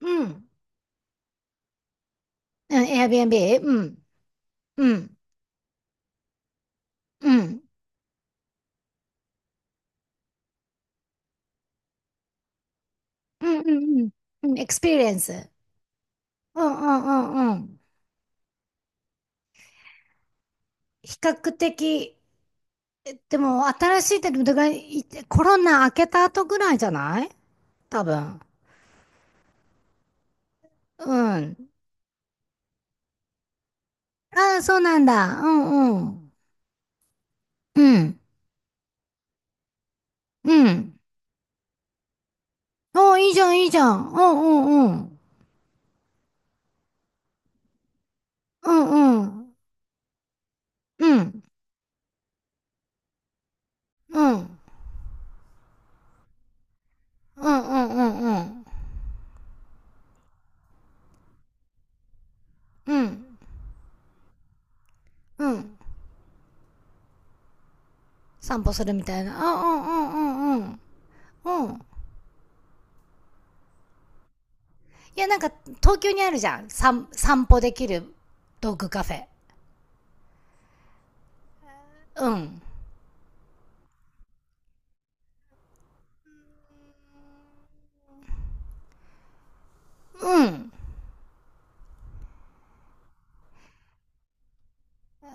うん。うん、Airbnb? うん。うん。うん。うんうんうん。エクスペリエンス。うんうんうんうん。比較的、でも新しいってだからコロナ明けた後ぐらいじゃない？多分。うん。ああ、そうなんだ。うんうん。うん。うん。おーいいじゃん、いいじゃん。うんうんうん。うんうん。うん。うん。うんうんうんうん。うん。うん。散歩するみたいな。うんうんうんうんうん。うん。いや、なんか、東京にあるじゃん。散歩できるドッグカフェ。うん。うん。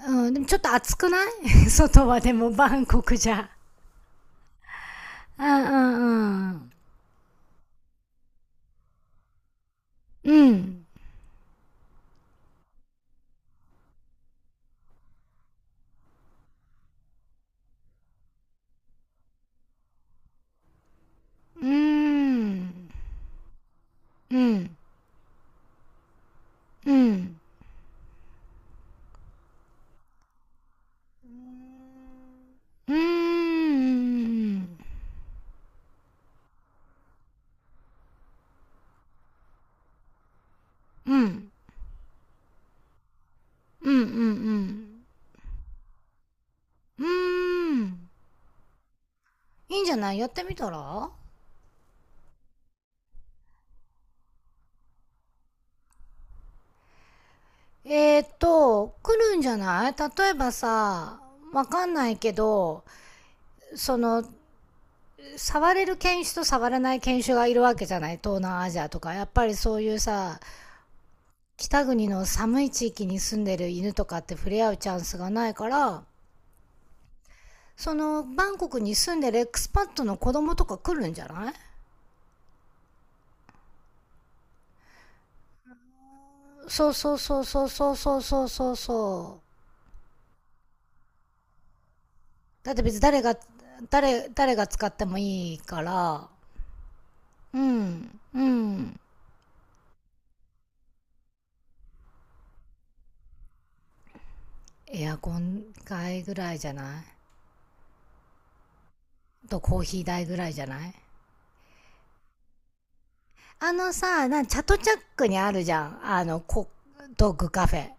うん、でもちょっと暑くない？ 外はでもバンコクじゃ。うんうんうん。うん。うーん。うん。うん。うーん。うん。うんうんうん。うーん。いいんじゃない？やってみたら。来るんじゃない？例えばさ、わかんないけど、その、触れる犬種と触らない犬種がいるわけじゃない？東南アジアとかやっぱりそういうさ、北国の寒い地域に住んでる犬とかって触れ合うチャンスがないから、そのバンコクに住んでるエクスパットの子供とか来るんじゃない？そうそうそうそうそうそうそうそう、だって別に誰が、誰が使ってもいいから。うんうん。エアコン代ぐらいじゃない？とコーヒー代ぐらいじゃない？あのさ、チャトチャックにあるじゃん。あの、ドッグカフェ。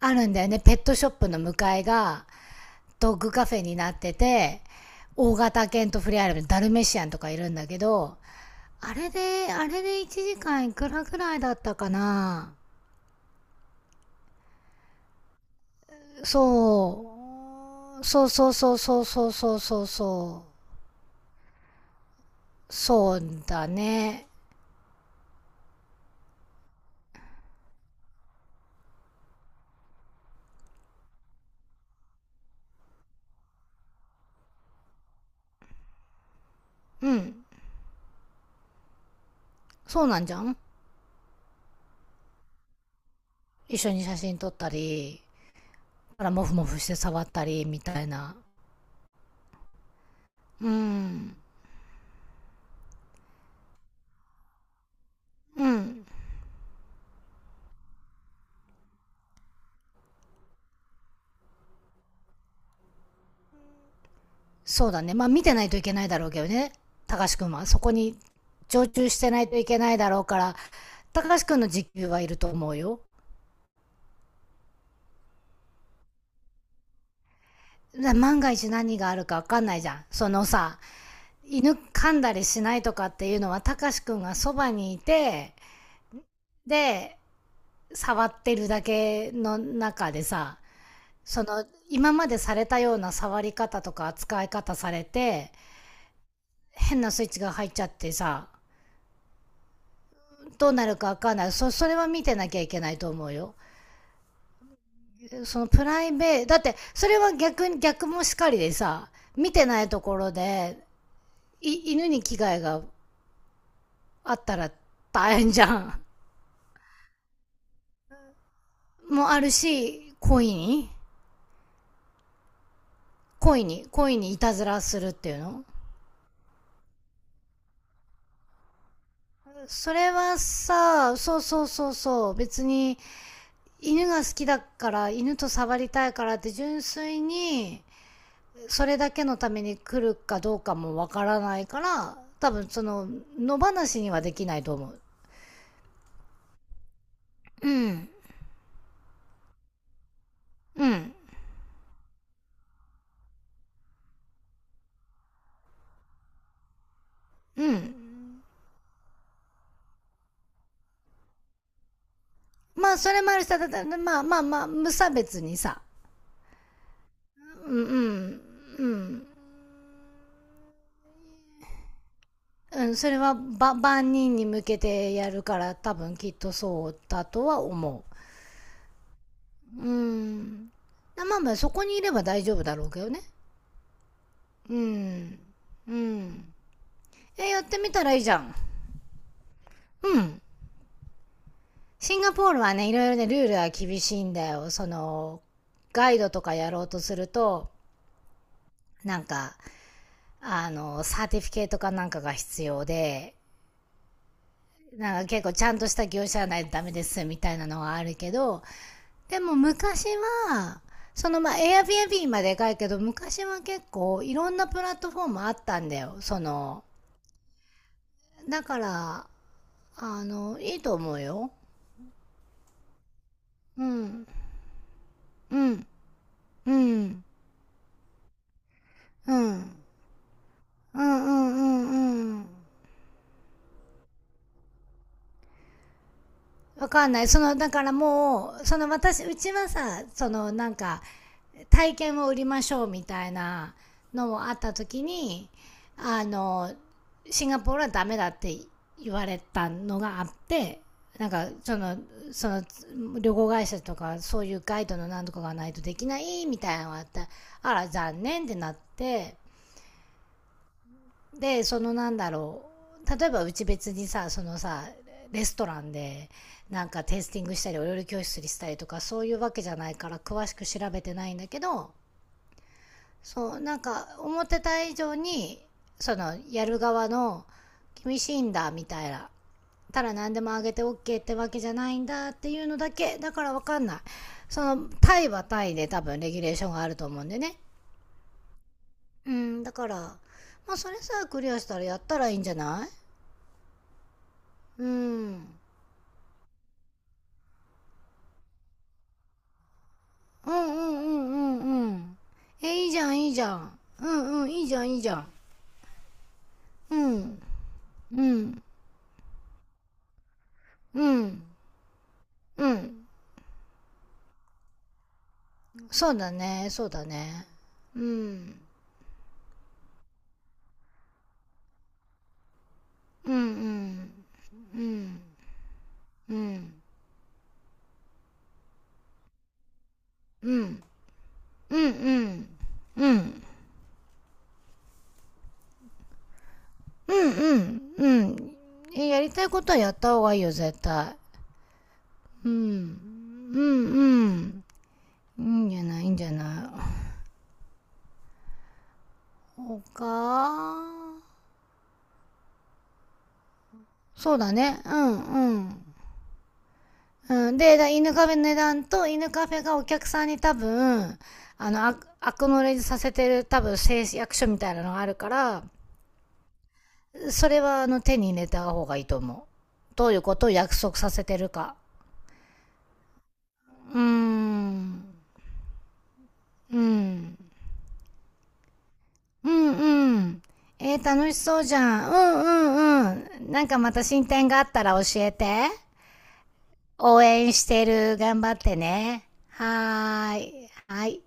あるんだよね。ペットショップの向かいが、ドッグカフェになってて、大型犬と触れ合えるダルメシアンとかいるんだけど、あれで、あれで1時間いくらぐらいだったかな。そう。そうそうそうそうそうそうそうそう。そうだね。うん。そうなんじゃん。一緒に写真撮ったり、から、モフモフして触ったり、みたいな。うん。うん。そうだね。まあ見てないといけないだろうけどね。高橋くんは。そこに常駐してないといけないだろうから、高橋くんの時給はいると思うよ。万が一何があるかわかんないじゃん。そのさ、犬噛んだりしないとかっていうのは、高橋くんがそばにいて、で、触ってるだけの中でさ、その、今までされたような触り方とか扱い方されて、変なスイッチが入っちゃってさ、どうなるかわかんない。それは見てなきゃいけないと思うよ。そのプライベート、だって、それは逆に、逆もしかりでさ、見てないところで、犬に危害があったら大変じゃん。もあるし、恋に恋にいたずらするっていうの。それはさ、そうそうそうそう、別に、犬が好きだから、犬と触りたいからって純粋に、それだけのために来るかどうかもわからないから、多分その、野放しにはできないと思う。うん。うん。うん。まあ、それもあるし、ただまあまあまあ、無差別にさ。うんうん。うん。うん、それは、万人に向けてやるから、多分きっとそうだとは思う。うん。まあまあ、そこにいれば大丈夫だろうけどね。うん。うん。え、やってみたらいいじゃん。シンガポールはね、いろいろね、ルールは厳しいんだよ。その、ガイドとかやろうとすると、なんか、あの、サーティフィケートかなんかが必要で、なんか結構ちゃんとした業者じゃないとダメですみたいなのはあるけど、でも昔は、そのまあ Airbnb まででかいけど、昔は結構いろんなプラットフォームあったんだよ。その、だから、あの、いいと思うよ。うん、うん、うん、うん、うん、うん、うん、うん。わかんない。その、だからもう、その私、うちはさ、そのなんか、体験を売りましょうみたいなのもあった時に、あの、シンガポールはダメだって言われたのがあって、なんか、その、その、旅行会社とか、そういうガイドのなんとかがないとできないみたいなのがあって、あら、残念ってなって、でそのなんだろう、例えばうち別にさ、そのさ、レストランでなんかテイスティングしたりお料理教室にしたりとかそういうわけじゃないから詳しく調べてないんだけど、そうなんか思ってた以上にそのやる側の厳しいんだみたいな、ただ何でもあげて OK ってわけじゃないんだっていうのだけだからわかんない。そのタイはタイで多分レギュレーションがあると思うんでね。うん、だからまあそれさえクリアしたらやったらいいんじゃない？うん。うんうんうんうんうん。え、いいじゃん、いいじゃん。うんうん、いいじゃん、いいじゃん。うん、うん、うん、うん。そうだね、そうだね。うん、うん、うん、うん、うん、うん、うん、うん、うん、うん、うん。え、やりたいことはやった方がいいよ、絶対。うん、うん、うん。いいんじゃない、いいんじゃない。他、そうだね、うん、うん。うん、で、犬カフェの値段と、犬カフェがお客さんに多分、あの、アクノレージさせてる多分誓約書みたいなのがあるから、それはあの手に入れた方がいいと思う。どういうことを約束させてるか。うーん。うん。うんうん。えー、楽しそうじゃん。うんうんうん。なんかまた進展があったら教えて。応援してる。頑張ってね。はーい。はい。